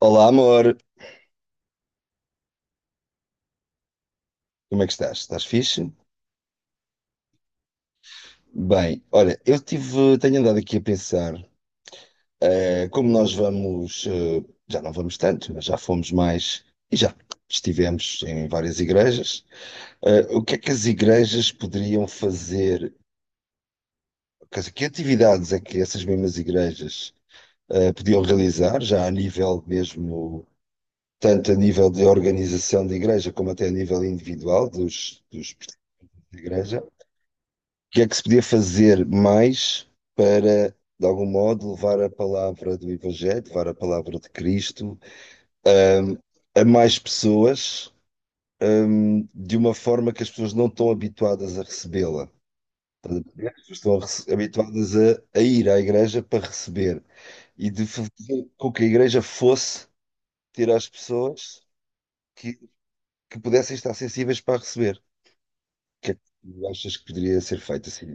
Olá, amor. Como é que estás? Estás fixe? Bem, olha, tenho andado aqui a pensar, como nós vamos, já não vamos tanto, mas já fomos mais e já estivemos em várias igrejas. O que é que as igrejas poderiam fazer? Quer dizer, que atividades é que essas mesmas igrejas podiam realizar, já a nível mesmo, tanto a nível de organização de igreja como até a nível individual dos participantes da igreja? O que é que se podia fazer mais para, de algum modo, levar a palavra do Evangelho, levar a palavra de Cristo, hum, a mais pessoas, de uma forma que as pessoas não estão habituadas a recebê-la? As pessoas habituadas a ir à igreja para receber e de fazer com que a igreja fosse ter às pessoas que, que pudessem estar sensíveis para receber. O que é que tu achas que poderia ser feito assim?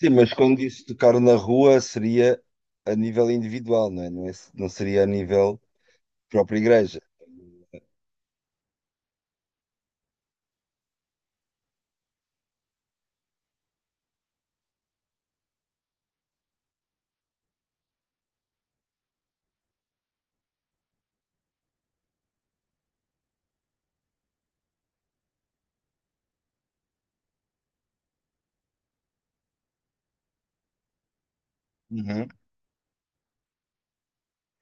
Sim, mas quando dizes tocar na rua seria a nível individual, não é? Não seria a nível própria igreja. Uhum.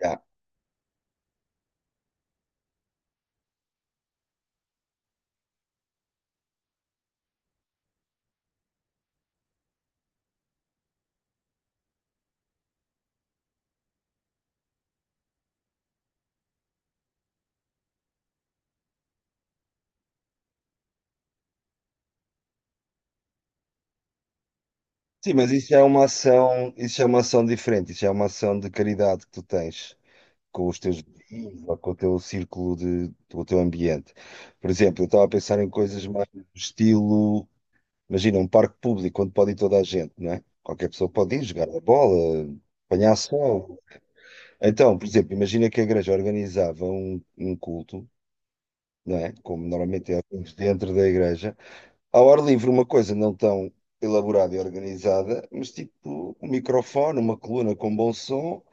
Já. Sim, mas isso é uma ação, isso é uma ação diferente, isso é uma ação de caridade que tu tens com os teus vizinhos ou com o teu círculo com o teu ambiente. Por exemplo, eu estava a pensar em coisas mais do estilo, imagina, um parque público onde pode ir toda a gente, não é? Qualquer pessoa pode ir jogar a bola, apanhar sol. Então, por exemplo, imagina que a igreja organizava um culto, não é? Como normalmente é feito dentro da igreja. Ao ar livre, uma coisa não tão elaborada e organizada, mas tipo um microfone, uma coluna com bom som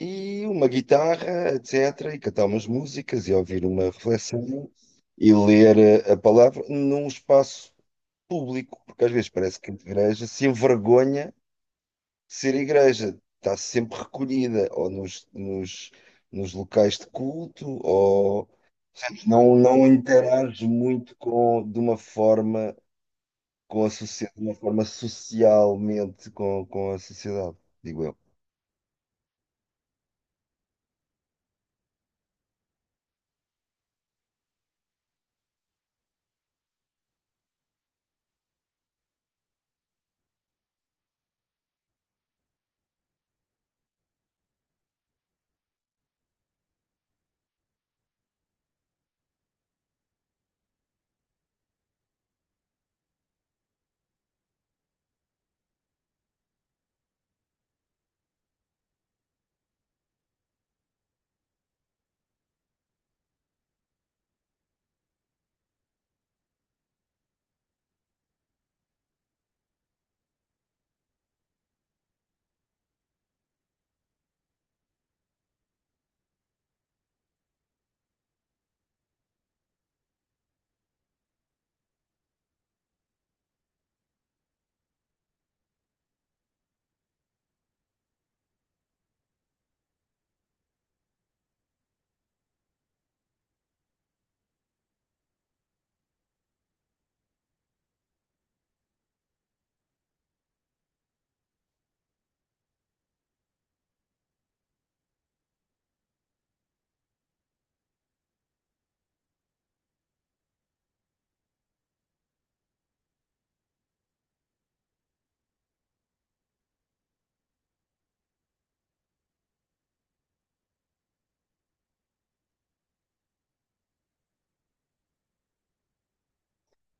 e uma guitarra, etc. E cantar umas músicas e ouvir uma reflexão e ler a palavra num espaço público, porque às vezes parece que a igreja se envergonha ser igreja, está sempre recolhida ou nos locais de culto ou portanto, não interage muito com, de uma forma com a sociedade, de uma forma socialmente com a sociedade, digo eu.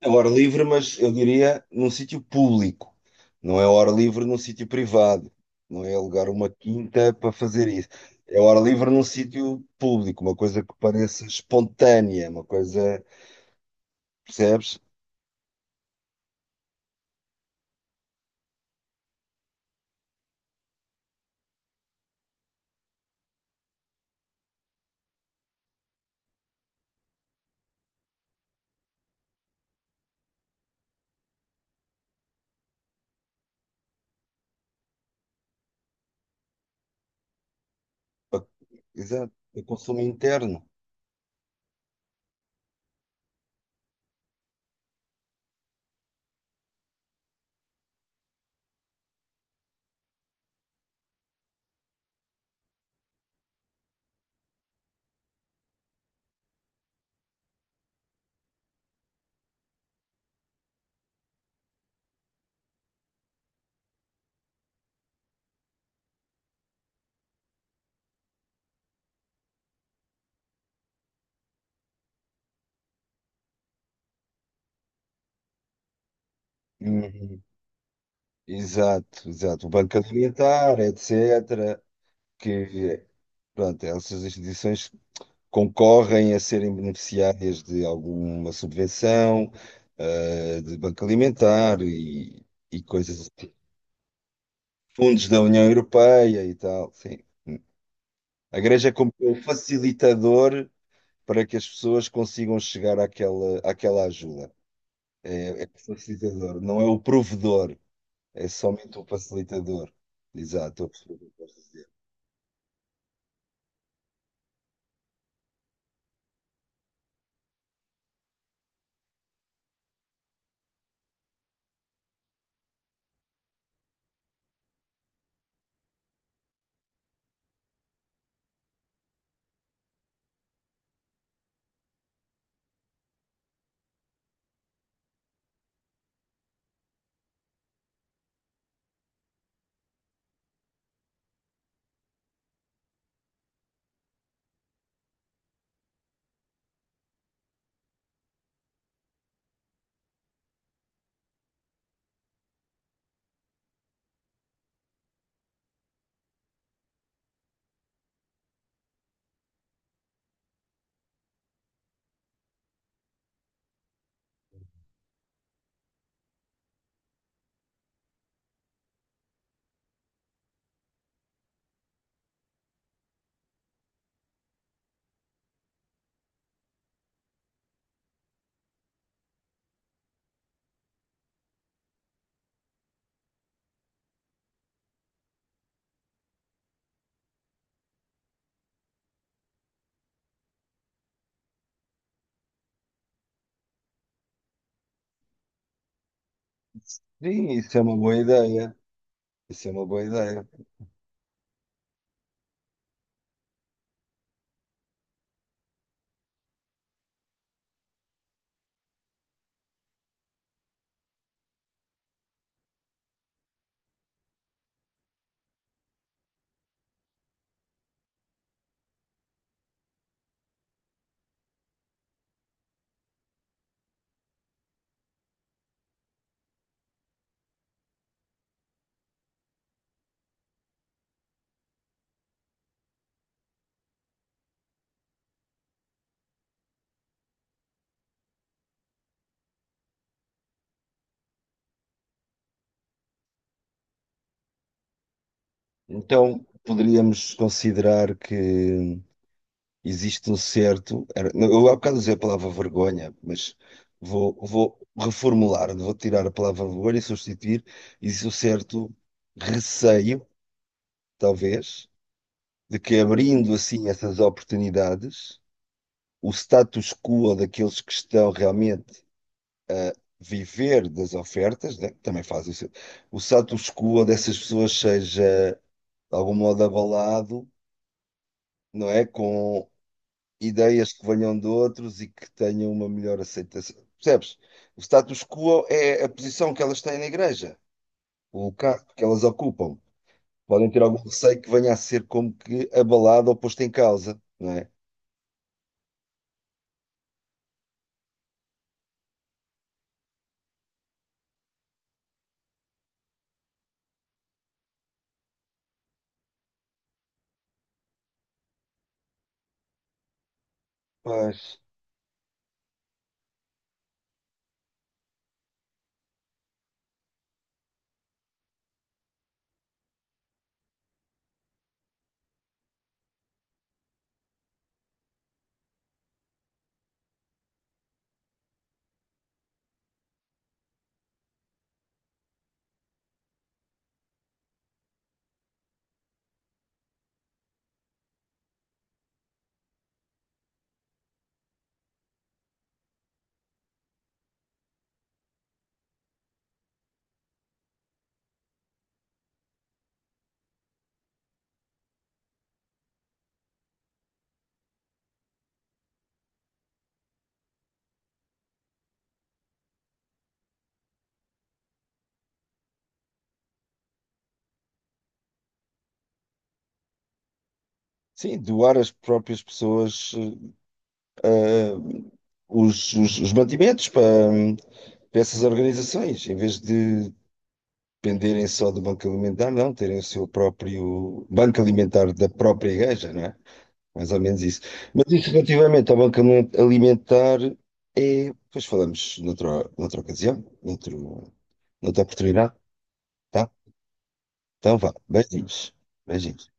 É hora livre, mas eu diria num sítio público. Não é hora livre num sítio privado. Não é alugar uma quinta para fazer isso. É hora livre num sítio público, uma coisa que pareça espontânea, uma coisa, percebes? Exato, o consumo interno. Uhum. Exato, exato. O Banco Alimentar, etc. Que, pronto, essas instituições concorrem a serem beneficiárias de alguma subvenção, ah, de Banco Alimentar e coisas, assim. Fundos da União Europeia e tal. Sim. A Igreja é como o facilitador para que as pessoas consigam chegar àquela ajuda. É, é facilitador, não é o provedor. É somente o facilitador. Exato, estou a perceber o que estás a dizer. Sim, isso é uma boa ideia. Isso é uma boa ideia. Então, poderíamos considerar que existe um certo. Era- não, Eu há bocado usei a palavra vergonha, mas vou reformular, vou tirar a palavra vergonha e substituir. Existe um certo receio, talvez, de que abrindo assim essas oportunidades, o status quo daqueles que estão realmente viver das ofertas, né? Também faz isso. O status quo dessas pessoas seja, de algum modo, abalado, não é? Com ideias que venham de outros e que tenham uma melhor aceitação. Percebes? O status quo é a posição que elas têm na igreja, o lugar que elas ocupam. Podem ter algum receio que venha a ser como que abalado ou posto em causa, não é? Mas, sim, doar as próprias pessoas eh, os mantimentos para, hum, para essas organizações, em vez de dependerem só do Banco Alimentar, não, terem o seu próprio Banco Alimentar da própria igreja, não é? Mais ou menos isso. Mas isso relativamente ao Banco Alimentar é. Depois falamos noutra ocasião, noutra oportunidade, tá? Então vá, beijinhos. Beijinhos.